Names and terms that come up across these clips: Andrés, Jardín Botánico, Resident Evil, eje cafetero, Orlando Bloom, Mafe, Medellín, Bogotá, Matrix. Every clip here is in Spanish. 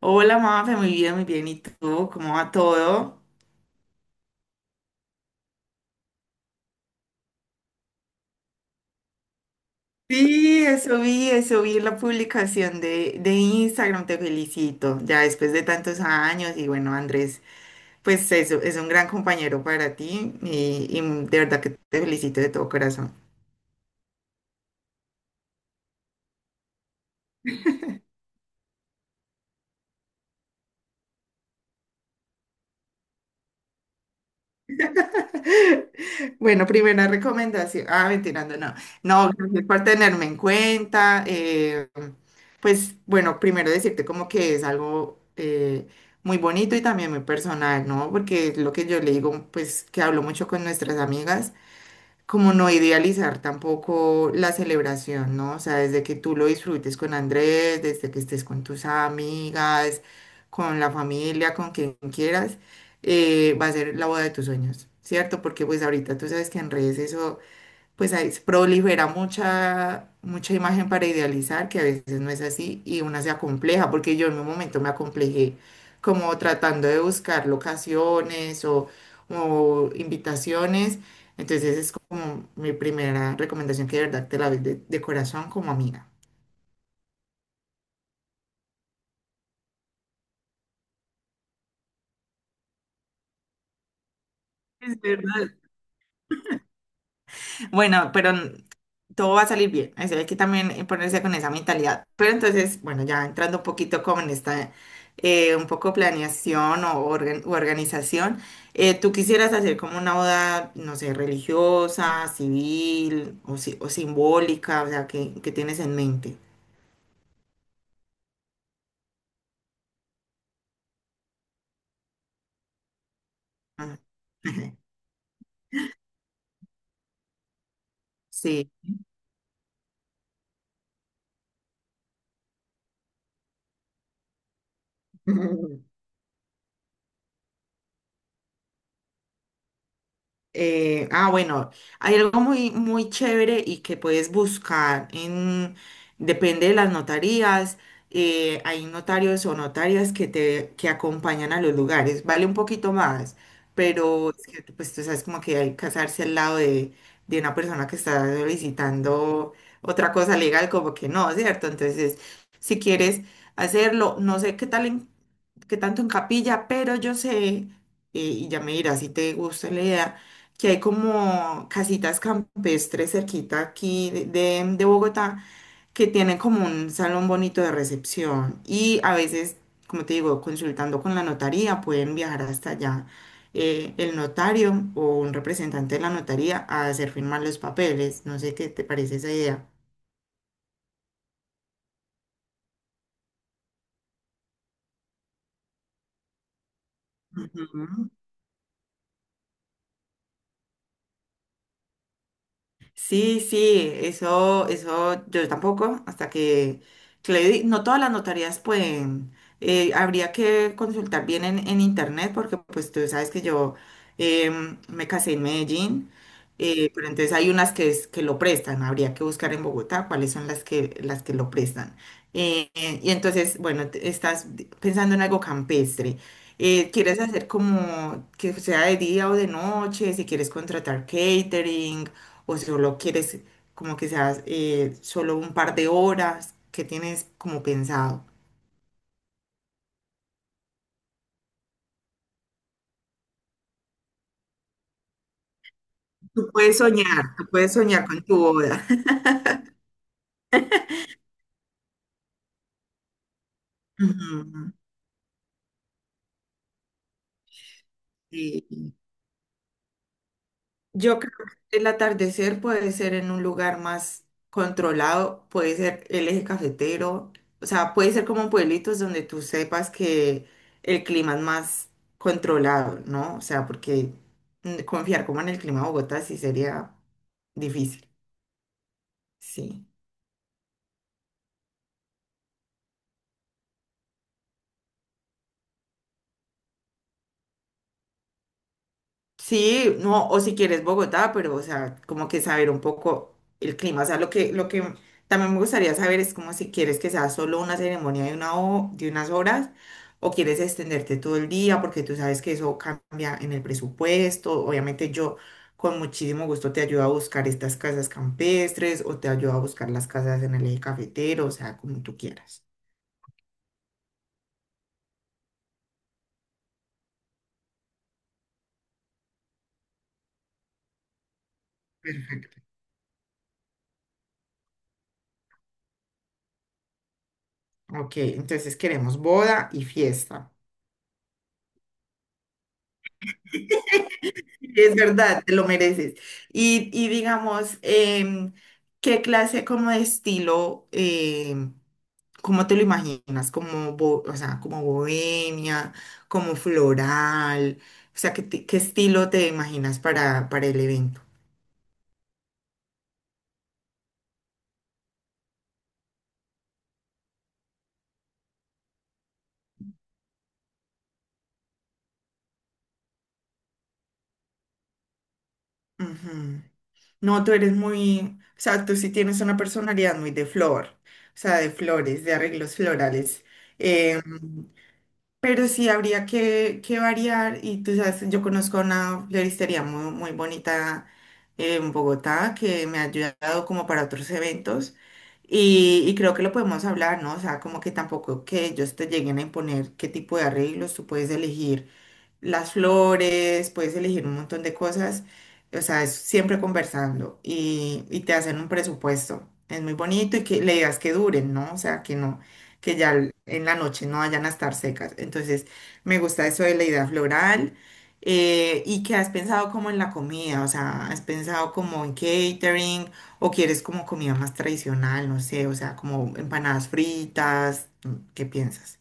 Hola, Mafe, muy bien, muy bien. ¿Y tú? ¿Cómo va todo? Sí, eso vi en la publicación de Instagram, te felicito. Ya después de tantos años, y bueno, Andrés, pues eso, es un gran compañero para ti y de verdad que te felicito de todo corazón. Bueno, primera recomendación. Ah, mentirando, no. No, gracias por tenerme en cuenta. Pues bueno, primero decirte como que es algo muy bonito y también muy personal, ¿no? Porque es lo que yo le digo, pues que hablo mucho con nuestras amigas, como no idealizar tampoco la celebración, ¿no? O sea, desde que tú lo disfrutes con Andrés, desde que estés con tus amigas, con la familia, con quien quieras, va a ser la boda de tus sueños, ¿cierto? Porque pues ahorita tú sabes que en redes eso, pues ahí se prolifera mucha, mucha imagen para idealizar, que a veces no es así, y una se acompleja, porque yo en un momento me acomplejé como tratando de buscar locaciones o invitaciones. Entonces es como mi primera recomendación que de verdad te la doy de corazón como amiga. Es verdad. Bueno, pero todo va a salir bien. Eso hay que también ponerse con esa mentalidad. Pero entonces, bueno, ya entrando un poquito como en esta, un poco planeación o organ- u organización, ¿tú quisieras hacer como una boda, no sé, religiosa, civil o o simbólica? O sea, ¿ qué tienes en mente? Ah. Sí. Bueno, hay algo muy, muy chévere y que puedes buscar en, depende de las notarías, hay notarios o notarias que te, que acompañan a los lugares, vale un poquito más, pero es que, pues tú sabes como que hay que casarse al lado de una persona que está solicitando otra cosa legal, como que no, ¿cierto? Entonces, si quieres hacerlo, no sé qué tal en, que tanto en capilla, pero yo sé, y ya me dirás si te gusta la idea, que hay como casitas campestres cerquita aquí de Bogotá, que tienen como un salón bonito de recepción y a veces, como te digo, consultando con la notaría, pueden viajar hasta allá. El notario o un representante de la notaría a hacer firmar los papeles. No sé qué te parece esa idea. Ujú. Sí, sí, eso yo tampoco, hasta que, no todas las notarías pueden, habría que consultar bien en internet, porque pues tú sabes que yo me casé en Medellín, pero entonces hay unas que, que lo prestan, habría que buscar en Bogotá cuáles son las que lo prestan. Y entonces, bueno, estás pensando en algo campestre. ¿Quieres hacer como que sea de día o de noche? Si quieres contratar catering o solo quieres como que seas solo un par de horas, ¿qué tienes como pensado? Tú puedes soñar con tu boda. Ujú, sí. Yo creo que el atardecer puede ser en un lugar más controlado, puede ser el eje cafetero, o sea, puede ser como pueblitos donde tú sepas que el clima es más controlado, ¿no? O sea, porque confiar como en el clima de Bogotá sí sería difícil, sí. Sí, no, o si quieres Bogotá, pero, o sea, como que saber un poco el clima. O sea, lo que también me gustaría saber es como si quieres que sea solo una ceremonia de unas horas o quieres extenderte todo el día, porque tú sabes que eso cambia en el presupuesto. Obviamente yo con muchísimo gusto te ayudo a buscar estas casas campestres o te ayudo a buscar las casas en el eje cafetero, o sea, como tú quieras. Perfecto. Ok, entonces queremos boda y fiesta. Es verdad, te lo mereces. Y digamos, ¿qué clase como de estilo, em, cómo te lo imaginas? O sea, como bohemia, como floral, o sea, ¿ qué estilo te imaginas para el evento? Ujú. No, tú eres muy, o sea, tú sí tienes una personalidad muy de flor, o sea, de flores, de arreglos florales. Em, Pero sí habría que variar y tú sabes, yo conozco una floristería muy, muy bonita en Bogotá que me ha ayudado como para otros eventos y creo que lo podemos hablar, ¿no? O sea, como que tampoco que ellos te lleguen a imponer qué tipo de arreglos, tú puedes elegir las flores, puedes elegir un montón de cosas, o sea, es siempre conversando y te hacen un presupuesto. Es muy bonito y que le digas que duren, ¿no? O sea, que no, que en la noche no vayan a estar secas. Entonces, me gusta eso de la idea floral. Y que has pensado como en la comida, o sea, has pensado como en catering o quieres como comida más tradicional, no sé, o sea, como empanadas fritas, ¿qué piensas?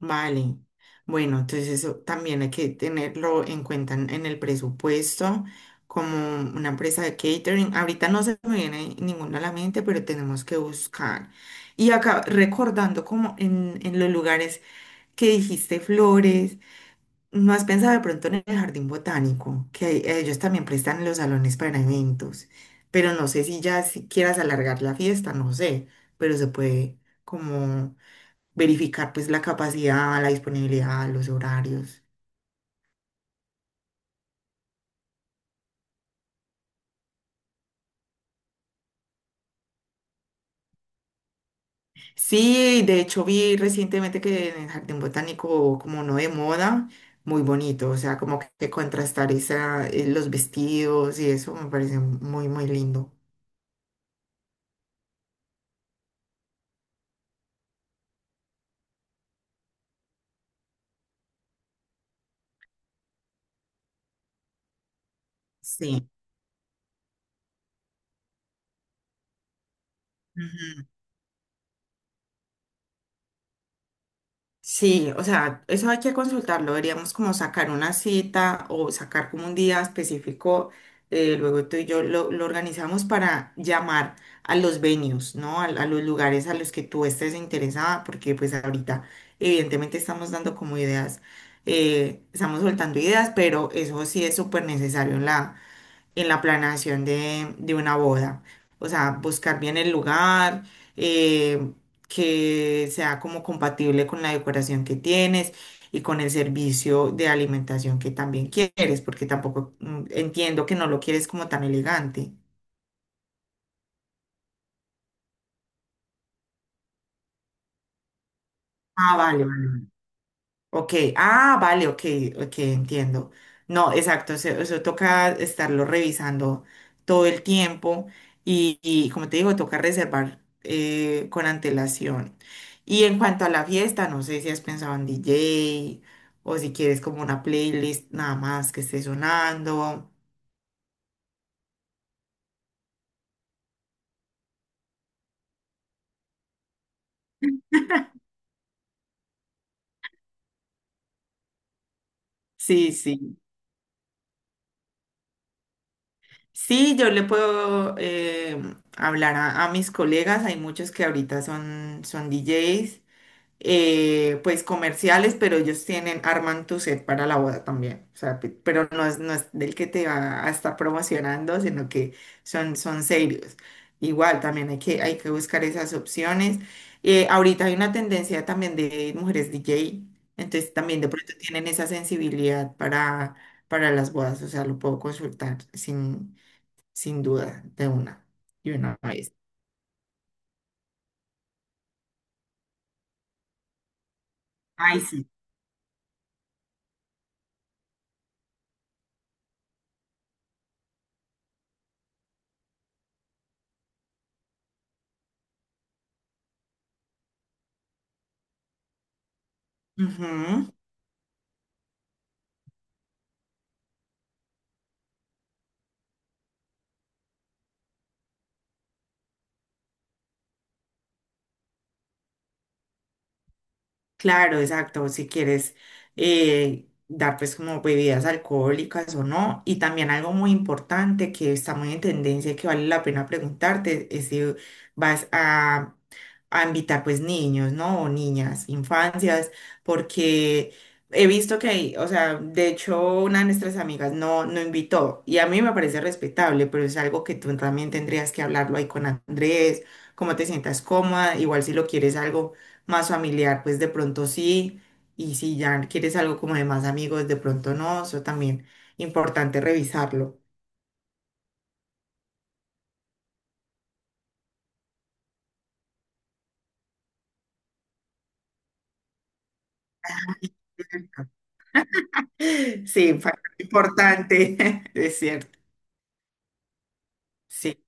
Vale. Bueno, entonces eso también hay que tenerlo en cuenta en el presupuesto, como una empresa de catering. Ahorita no se me viene ninguna a la mente, pero tenemos que buscar. Y acá recordando como en los lugares que dijiste flores, ¿no has pensado de pronto en el jardín botánico? Que ellos también prestan los salones para eventos, pero no sé si ya si quieras alargar la fiesta, no sé, pero se puede como verificar pues la capacidad, la disponibilidad, los horarios. Sí, de hecho vi recientemente que en el Jardín Botánico, como no de moda, muy bonito, o sea, como que contrastar esa, los vestidos y eso me parece muy, muy lindo. Sí. Sí, o sea, eso hay que consultarlo. Deberíamos como sacar una cita o sacar como un día específico. Luego tú y yo lo organizamos para llamar a los venues, ¿no? A los lugares a los que tú estés interesada, porque pues ahorita evidentemente estamos dando como ideas, estamos soltando ideas, pero eso sí es súper necesario en la planeación de una boda. O sea, buscar bien el lugar, eh, que sea como compatible con la decoración que tienes y con el servicio de alimentación que también quieres, porque tampoco entiendo que no lo quieres como tan elegante. Ah, vale. Ok, vale, ok, ok, entiendo. No, exacto, eso toca estarlo revisando todo el tiempo y como te digo, toca reservar con antelación. Y en cuanto a la fiesta, no sé si has pensado en DJ o si quieres como una playlist nada más que esté sonando. Sí, sí. Sí, yo le puedo hablar a mis colegas, hay muchos que ahorita son, son DJs. Pues comerciales, pero ellos tienen arman tu set para la boda también. O sea, pero no es, no es del que te va a estar promocionando, sino que son, son serios. Igual, también hay hay que buscar esas opciones. Ahorita hay una tendencia también de mujeres DJ, entonces también de pronto tienen esa sensibilidad para las bodas, o sea, lo puedo consultar sin duda de una vez. Ay, sí. Ujú. Claro, exacto, si quieres dar pues como bebidas alcohólicas o no. Y también algo muy importante que está muy en tendencia y que vale la pena preguntarte es si vas a, a invitar pues niños, ¿no? O niñas, infancias, porque he visto que hay, o sea, de hecho una de nuestras amigas no, no invitó y a mí me parece respetable, pero es algo que tú también tendrías que hablarlo ahí con Andrés, cómo te sientas cómoda, igual si lo quieres algo más familiar, pues de pronto sí, y si ya quieres algo como de más amigos, de pronto no, eso también importante revisarlo. Sí, factor importante, es cierto. Sí.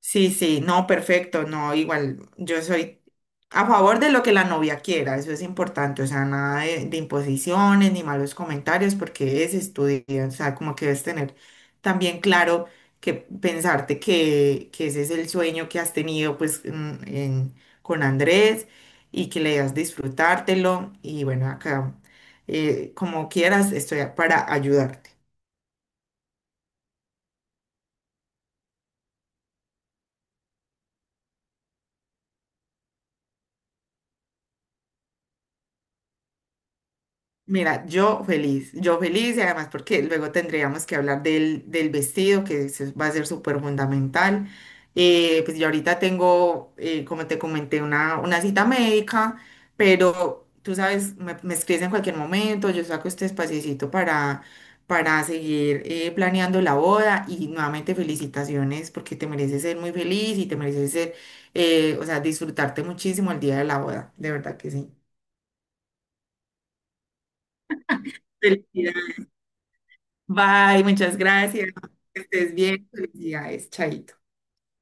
Sí, sí, no, perfecto, no, igual yo soy a favor de lo que la novia quiera, eso es importante, o sea, nada de imposiciones ni malos comentarios porque es estudio, o sea, como que debes tener también claro que pensarte que ese es el sueño que has tenido pues con Andrés y que le das disfrutártelo y bueno, acá como quieras estoy para ayudarte. Mira, yo feliz y además porque luego tendríamos que hablar del vestido que va a ser súper fundamental. Pues yo ahorita tengo, como te comenté, una cita médica, pero tú sabes, me escribes en cualquier momento, yo saco este espaciecito para seguir planeando la boda y nuevamente felicitaciones porque te mereces ser muy feliz y te mereces ser, o sea, disfrutarte muchísimo el día de la boda, de verdad que sí. Felicidades. Bye, muchas gracias. Que estés bien. Felicidades, Chaito.